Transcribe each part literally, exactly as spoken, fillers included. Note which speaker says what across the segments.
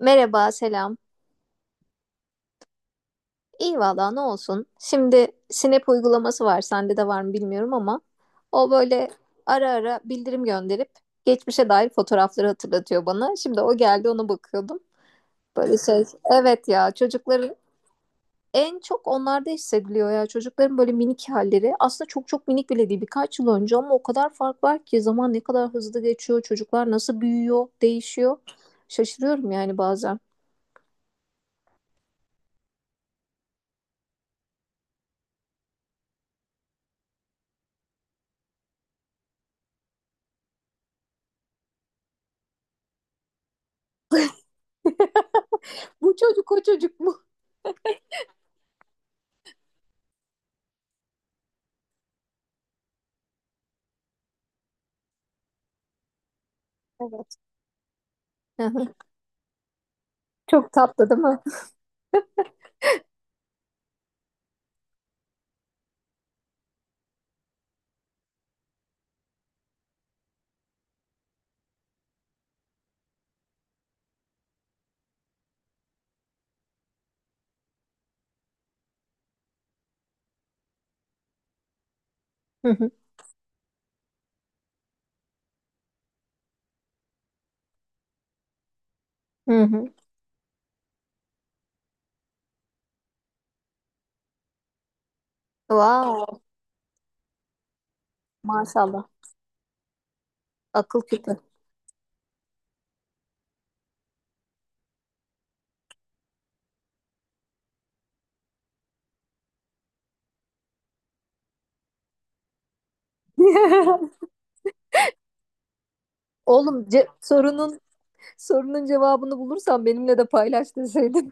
Speaker 1: Merhaba, selam. İyi valla, ne olsun. Şimdi Snap uygulaması var. Sende de var mı bilmiyorum ama o böyle ara ara bildirim gönderip geçmişe dair fotoğrafları hatırlatıyor bana. Şimdi o geldi, ona bakıyordum. Böyle şey. Evet ya, çocukların en çok onlarda hissediliyor ya. Çocukların böyle minik halleri. Aslında çok çok minik bile değil. Birkaç yıl önce ama o kadar fark var ki, zaman ne kadar hızlı geçiyor. Çocuklar nasıl büyüyor, değişiyor. Şaşırıyorum yani bazen. Bu çocuk o çocuk mu? Evet. Çok tatlı değil mi? Hı hı. Hı hı. Wow, maşallah. Akıl küpü. Oğlum, ce- sorunun sorunun cevabını bulursan benimle de paylaş deseydin.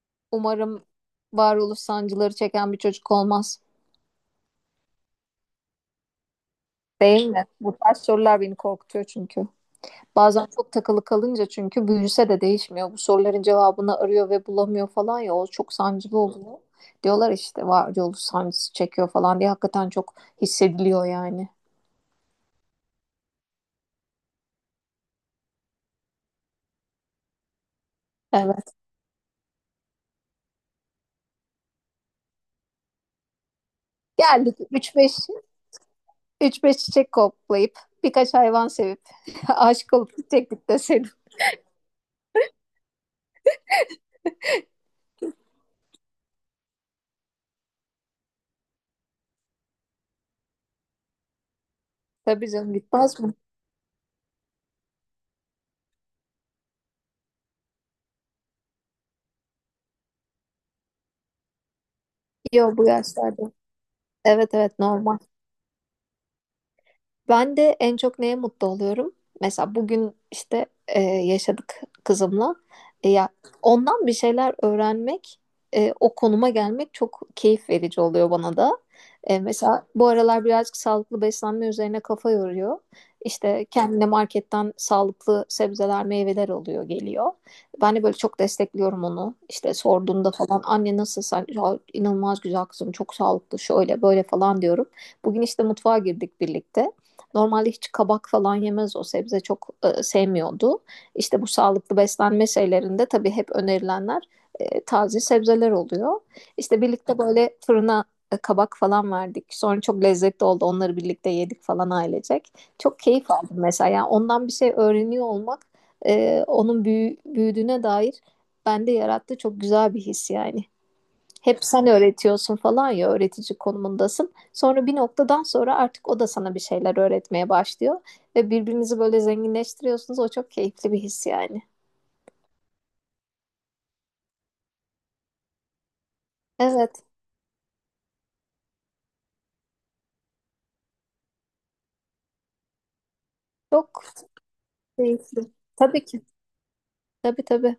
Speaker 1: Umarım varoluş sancıları çeken bir çocuk olmaz. Değil mi? Bu tarz sorular beni korkutuyor çünkü. Bazen çok takılı kalınca çünkü büyüse de değişmiyor. Bu soruların cevabını arıyor ve bulamıyor falan ya, o çok sancılı oluyor. Diyorlar işte varoluş sancısı çekiyor falan diye, hakikaten çok hissediliyor yani. Evet. Geldik, 3-5 3-5 çiçek koklayıp birkaç hayvan sevip aşık olup gidecektik deseydim. Tabii canım, gitmez mi? Yok, bu yaşlarda. Evet, evet, normal. Ben de en çok neye mutlu oluyorum? Mesela bugün işte e, yaşadık kızımla. E, ya ondan bir şeyler öğrenmek, e, o konuma gelmek çok keyif verici oluyor bana da. E, mesela bu aralar birazcık sağlıklı beslenme üzerine kafa yoruyor. İşte kendine marketten sağlıklı sebzeler, meyveler oluyor, geliyor. Ben de böyle çok destekliyorum onu. İşte sorduğunda falan, "Anne nasıl, sen?" Ya, inanılmaz güzel kızım, çok sağlıklı, şöyle böyle falan diyorum. Bugün işte mutfağa girdik birlikte. Normalde hiç kabak falan yemez, o sebze çok e, sevmiyordu. İşte bu sağlıklı beslenme şeylerinde tabii hep önerilenler e, taze sebzeler oluyor. İşte birlikte böyle fırına e, kabak falan verdik. Sonra çok lezzetli oldu. Onları birlikte yedik falan, ailecek. Çok keyif aldım mesela. Yani ondan bir şey öğreniyor olmak, e, onun büyü- büyüdüğüne dair bende yarattı çok güzel bir his yani. Hep sen öğretiyorsun falan ya, öğretici konumundasın. Sonra bir noktadan sonra artık o da sana bir şeyler öğretmeye başlıyor. Ve birbirinizi böyle zenginleştiriyorsunuz. O çok keyifli bir his yani. Evet, çok keyifli. Tabii ki. Tabii, tabii.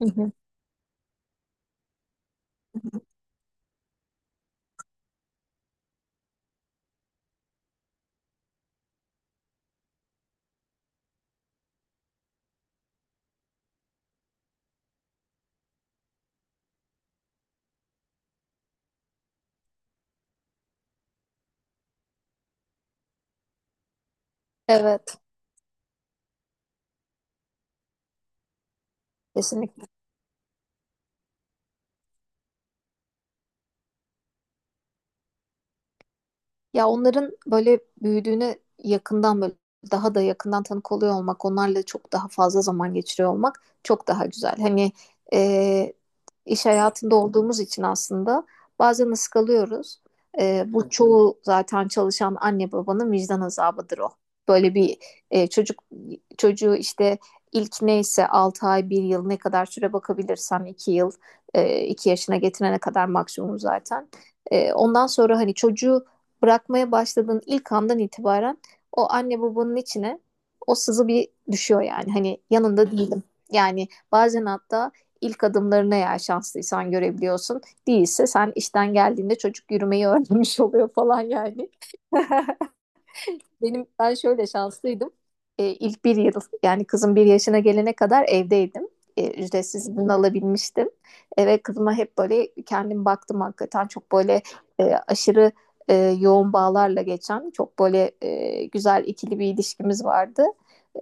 Speaker 1: Hı hı. Evet, kesinlikle. Ya, onların böyle büyüdüğüne yakından, böyle daha da yakından tanık oluyor olmak, onlarla çok daha fazla zaman geçiriyor olmak çok daha güzel. Hani e, iş hayatında olduğumuz için aslında bazen ıskalıyoruz. E, bu çoğu zaten çalışan anne babanın vicdan azabıdır o. Böyle bir e, çocuk çocuğu işte ilk neyse altı ay, bir yıl, ne kadar süre bakabilirsen, iki yıl, e, iki yaşına getirene kadar maksimum zaten. E, ondan sonra hani çocuğu bırakmaya başladığın ilk andan itibaren o anne babanın içine o sızı bir düşüyor yani. Hani yanında değilim. Yani bazen hatta ilk adımlarını, eğer şanslıysan, görebiliyorsun. Değilse sen işten geldiğinde çocuk yürümeyi öğrenmiş oluyor falan yani. Benim ben şöyle şanslıydım. Ee, ilk bir yıl, yani kızım bir yaşına gelene kadar evdeydim. Ee, ücretsiz izin alabilmiştim. Ee, ve kızıma hep böyle kendim baktım. Hakikaten çok böyle e, aşırı e, yoğun bağlarla geçen çok böyle e, güzel, ikili bir ilişkimiz vardı.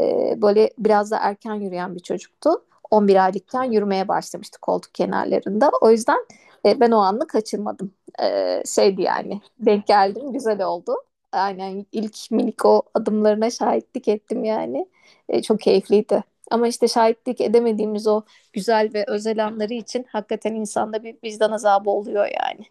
Speaker 1: Ee, böyle biraz da erken yürüyen bir çocuktu. on bir aylıkken yürümeye başlamıştı koltuk kenarlarında. O yüzden e, ben o anı kaçırmadım. Ee, şeydi yani, denk geldim, güzel oldu. Aynen, ilk minik o adımlarına şahitlik ettim yani. E, çok keyifliydi. Ama işte şahitlik edemediğimiz o güzel ve özel anları için hakikaten insanda bir vicdan azabı oluyor yani.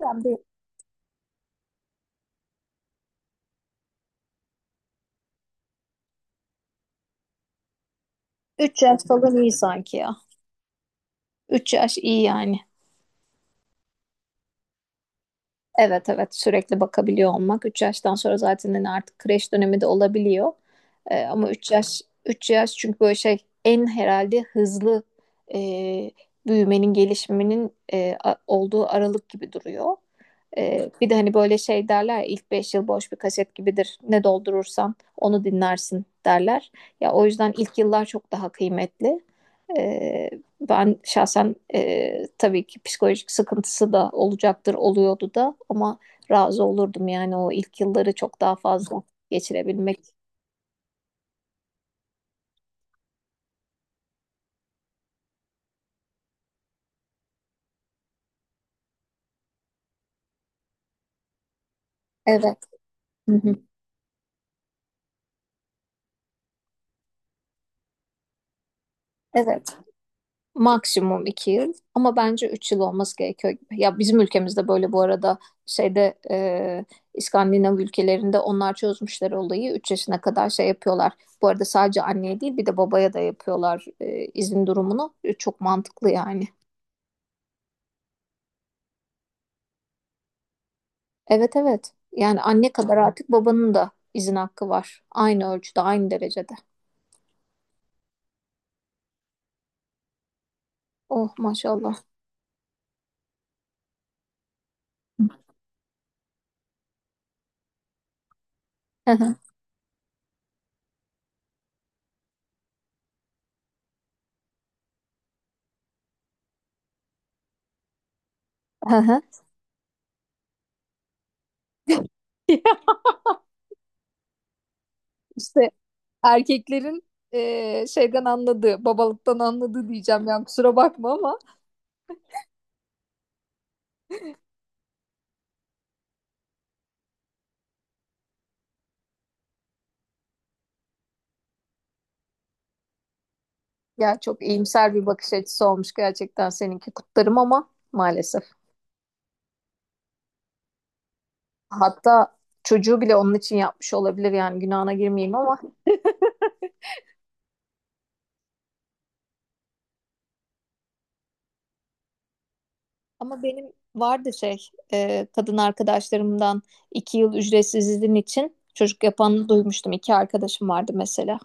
Speaker 1: Yani bir üç yaş falan iyi sanki ya. Üç yaş iyi yani. Evet, evet, sürekli bakabiliyor olmak. Üç yaştan sonra zaten hani artık kreş dönemi de olabiliyor. E, ama üç yaş, üç yaş çünkü böyle şey, en herhalde hızlı e, büyümenin gelişiminin e, a- olduğu aralık gibi duruyor. Ee, bir de hani böyle şey derler ya, ilk beş yıl boş bir kaset gibidir. Ne doldurursan onu dinlersin derler. Ya, o yüzden ilk yıllar çok daha kıymetli. Ee, ben şahsen e, tabii ki psikolojik sıkıntısı da olacaktır, oluyordu da ama razı olurdum yani o ilk yılları çok daha fazla geçirebilmek. Evet. Hı hı. Evet. Maksimum iki yıl ama bence üç yıl olması gerekiyor gibi. Ya, bizim ülkemizde böyle. Bu arada şeyde, e, İskandinav ülkelerinde onlar çözmüşler olayı. Üç yaşına kadar şey yapıyorlar. Bu arada sadece anneye değil, bir de babaya da yapıyorlar e, izin durumunu. E, çok mantıklı yani. Evet, evet, yani anne kadar artık babanın da izin hakkı var. Aynı ölçüde, aynı derecede. Oh, maşallah. İşte erkeklerin eee, şeyden anladığı, babalıktan anladığı diyeceğim yani, kusura bakma ama. Ya, çok iyimser bir bakış açısı olmuş gerçekten seninki, kutlarım ama maalesef. Hatta çocuğu bile onun için yapmış olabilir yani, günahına girmeyeyim ama. Ama benim vardı şey, eee, kadın arkadaşlarımdan iki yıl ücretsiz izin için çocuk yapanı duymuştum. İki arkadaşım vardı mesela.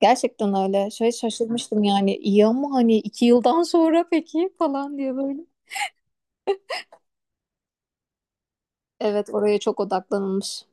Speaker 1: Gerçekten öyle. Şey, şaşırmıştım yani. İyi ama hani iki yıldan sonra peki falan diye, böyle. Evet, oraya çok odaklanılmış.